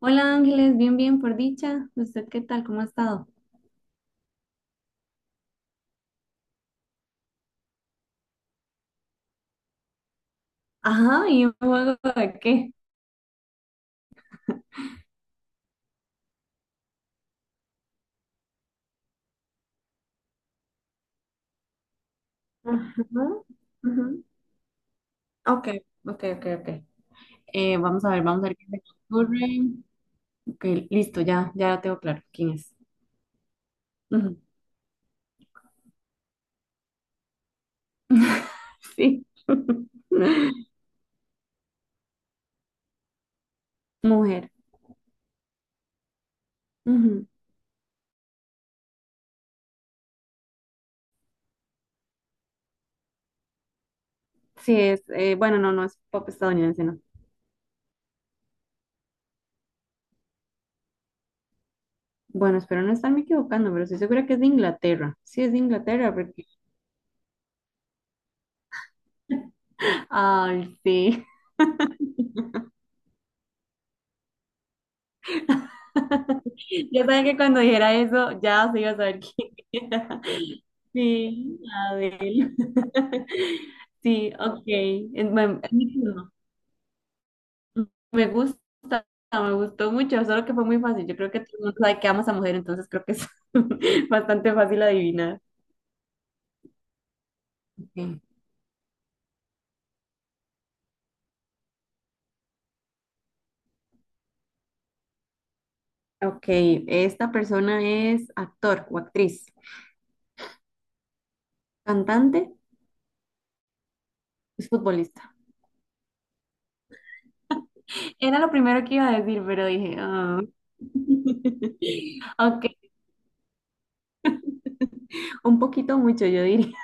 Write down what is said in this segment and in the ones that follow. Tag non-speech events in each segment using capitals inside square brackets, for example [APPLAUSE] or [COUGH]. Hola Ángeles, bien, bien, por dicha. ¿Usted qué tal? ¿Cómo ha estado? Ajá, ¿y un juego de qué? Ujú, ujú. Ok, ok, ok, ok. Vamos a ver, vamos a ver qué se me ocurre. Ok, listo, ya, ya lo tengo claro quién es. Ujú. [LAUGHS] Sí. [LAUGHS] Mujer. Ujú. Sí, no, no es pop estadounidense, no. Bueno, espero no estarme equivocando, pero estoy segura que es de Inglaterra. Sí, es de Inglaterra, porque... Ay, sí. [LAUGHS] Ya saben que cuando dijera eso, ya se iba a saber quién era. Sí, Adel. [LAUGHS] Sí, ok. Es mi turno. Me gusta, me gustó mucho, solo que fue muy fácil. Yo creo que todo el mundo sabe que amas a mujer, entonces creo que es [LAUGHS] bastante fácil adivinar. Ok, ok, esta persona es actor o actriz, cantante, es futbolista. Era lo primero que iba a decir, pero dije, ah, ok, un poquito mucho, yo diría.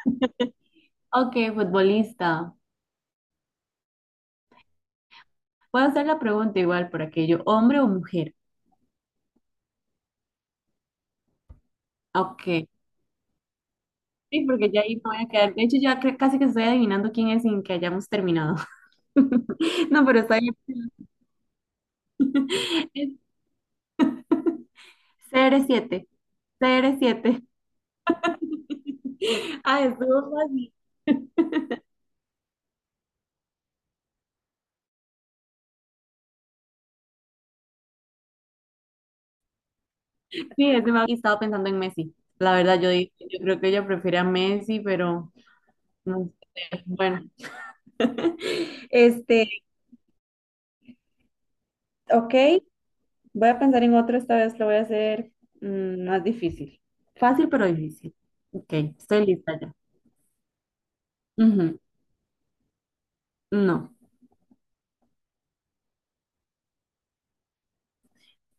Ok, futbolista. Puedo hacer la pregunta igual por aquello, ¿hombre o mujer? Ok. Sí, porque ya ahí me voy a quedar. De hecho, casi que estoy adivinando quién es sin que hayamos terminado. [LAUGHS] No, pero está bien. [LAUGHS] CR7. C R siete. [LAUGHS] Ah, estuvo fácil. [LAUGHS] Sí, ese me ha estado pensando en Messi. La verdad, yo, dije, yo creo que ella prefiere a Messi, pero no sé. Bueno. [LAUGHS] Este, ok. Voy a pensar en otro, esta vez lo voy a hacer más difícil. Fácil pero difícil. Ok, estoy lista ya. Ujú, no.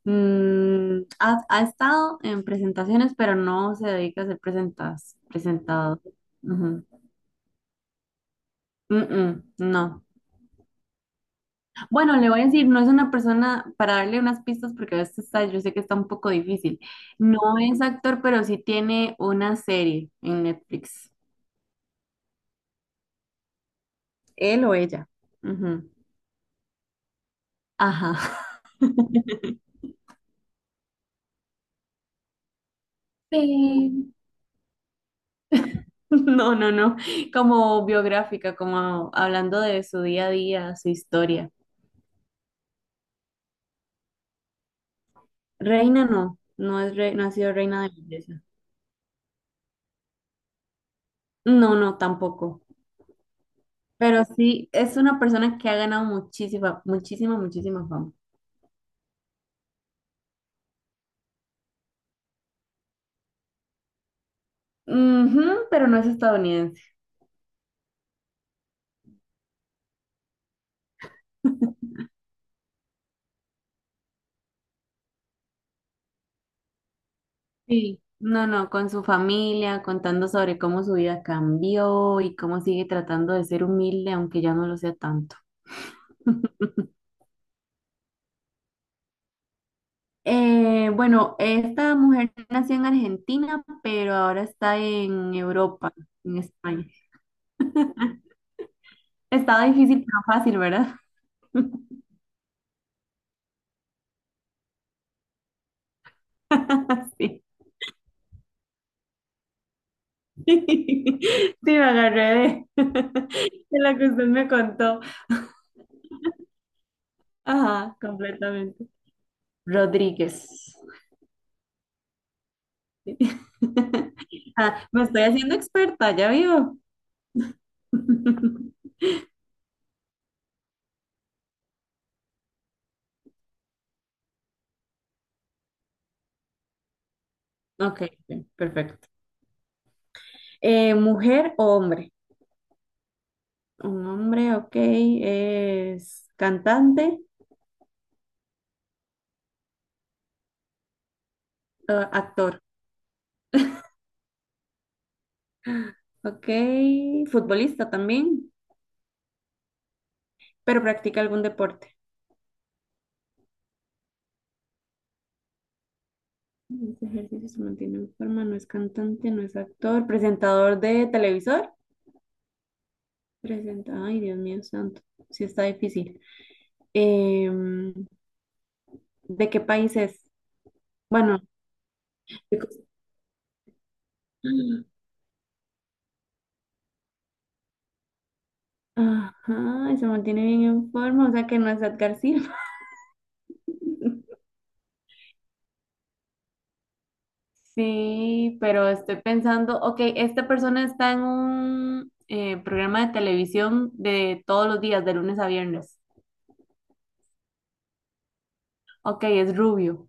Ha, ha estado en presentaciones, pero no se dedica a ser presentas, presentado. Ujú. Mm, mm, no. Bueno, le voy a decir, no es una persona, para darle unas pistas, porque a veces está, yo sé que está un poco difícil. No es actor, pero sí tiene una serie en Netflix. Él o ella. Ujú. Ajá. [LAUGHS] Sí. No, no, no, como biográfica, como hablando de su día a día, su historia. Reina no, no ha sido reina de belleza. No, no, tampoco. Pero sí, es una persona que ha ganado muchísima, muchísima, muchísima fama. Ujú, pero no es estadounidense. Sí. No, no, con su familia, contando sobre cómo su vida cambió y cómo sigue tratando de ser humilde, aunque ya no lo sea tanto. [LAUGHS] Bueno, Esta mujer nació en Argentina, pero ahora está en Europa, en España. Estaba difícil, pero fácil, ¿verdad? [LAUGHS] Sí. [LAUGHS] Sí, me agarré de, [LAUGHS] de lo que usted me contó. Ajá, completamente. Rodríguez. Sí. [LAUGHS] Ah, me estoy haciendo experta, ya vio. [LAUGHS] Ok, bien, perfecto. ¿Mujer o hombre? Un hombre, ok, es cantante. Ah, actor. Ok. Futbolista también, pero practica algún deporte. Este ejercicio se mantiene en forma, no es cantante, no es actor. Presentador de televisor. Presenta. Ay, Dios mío santo. Sí está difícil. Em, ¿De qué país es? Bueno, de Cos- Ajá, y se mantiene bien en forma, o sea que no es Edgar Silva. [LAUGHS] Sí, pero estoy pensando, ok, esta persona está en un programa de televisión de todos los días, de lunes a viernes. Ok, es rubio.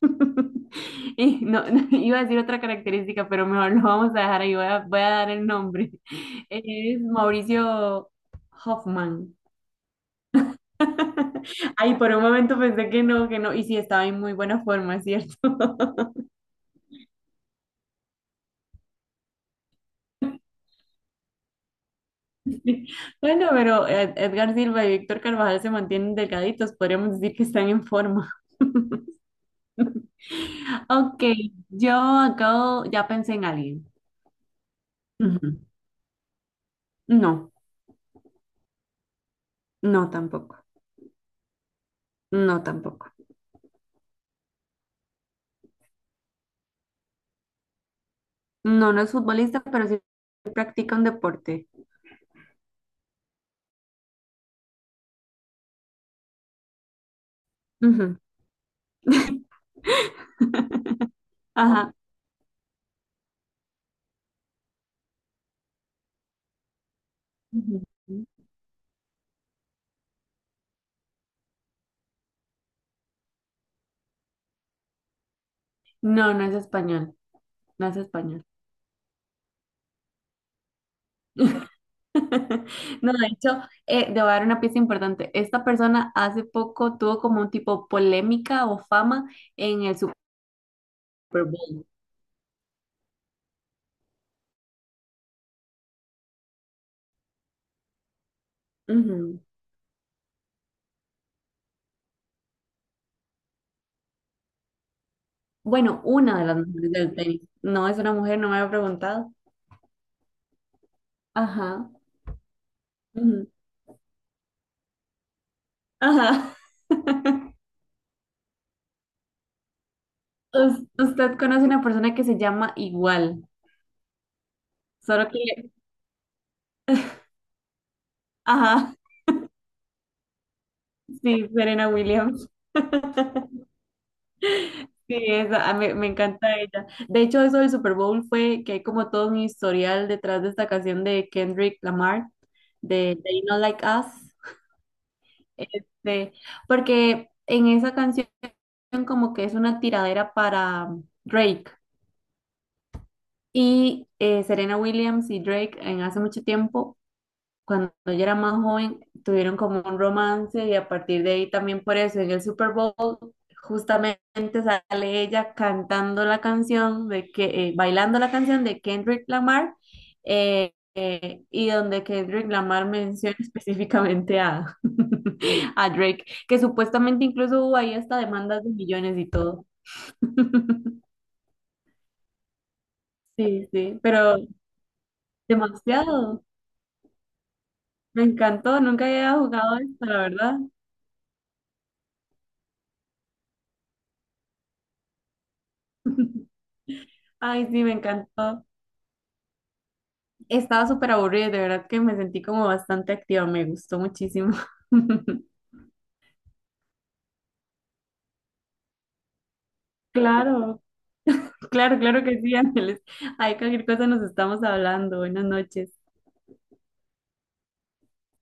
[LAUGHS] Y no, [LAUGHS] iba a decir otra característica, pero mejor lo vamos a dejar ahí. Voy a dar el nombre. [LAUGHS] Es Mauricio Hoffman. Ay, por un momento pensé que no, que no. Y sí, estaba en muy buena forma, es ¿cierto? [LAUGHS] Bueno, pero Edgar Silva y Víctor Carvajal se mantienen delgaditos. Podríamos decir que están en forma. [LAUGHS] Ok, yo acabo, ya pensé en alguien. Ujú. No, no tampoco. No tampoco. No, no es futbolista, pero sí practica un deporte. Ujú. [LAUGHS] Ajá. Ujú. No, no es español. No es español. [LAUGHS] No, de hecho, te voy a dar una pieza importante. Esta persona hace poco tuvo como un tipo polémica o fama en el Super Bowl. Ujú. Bueno, una de las mujeres del tenis. No es una mujer, no me había preguntado. Ajá. Ujú, ajá. [LAUGHS] Usted conoce una persona que se llama igual, solo que... Ajá. [LAUGHS] Sí, Serena Williams. Sí, esa, ah, me encanta ella. De hecho, eso del Super Bowl fue que hay como todo un historial detrás de esta canción de Kendrick Lamar, de They Not Like Us. Este, porque en esa canción como que es una tiradera para Drake. Y Serena Williams y Drake en hace mucho tiempo, cuando yo era más joven, tuvieron como un romance y a partir de ahí también por eso en el Super Bowl justamente sale ella cantando la canción de que, bailando la canción de Kendrick Lamar y donde Kendrick Lamar menciona [LAUGHS] específicamente a, [LAUGHS] a Drake, que supuestamente incluso hubo ahí hasta demandas de millones y todo. [LAUGHS] Sí, sí, pero demasiado. Me encantó, nunca había jugado [LAUGHS] esto, la verdad. Ay, sí, me encantó. Estaba súper aburrida, de verdad que me sentí como bastante activa, me gustó muchísimo. [LAUGHS] Claro, claro, claro que sí, Ángeles. Ay, cualquier cosa nos estamos hablando. Buenas noches.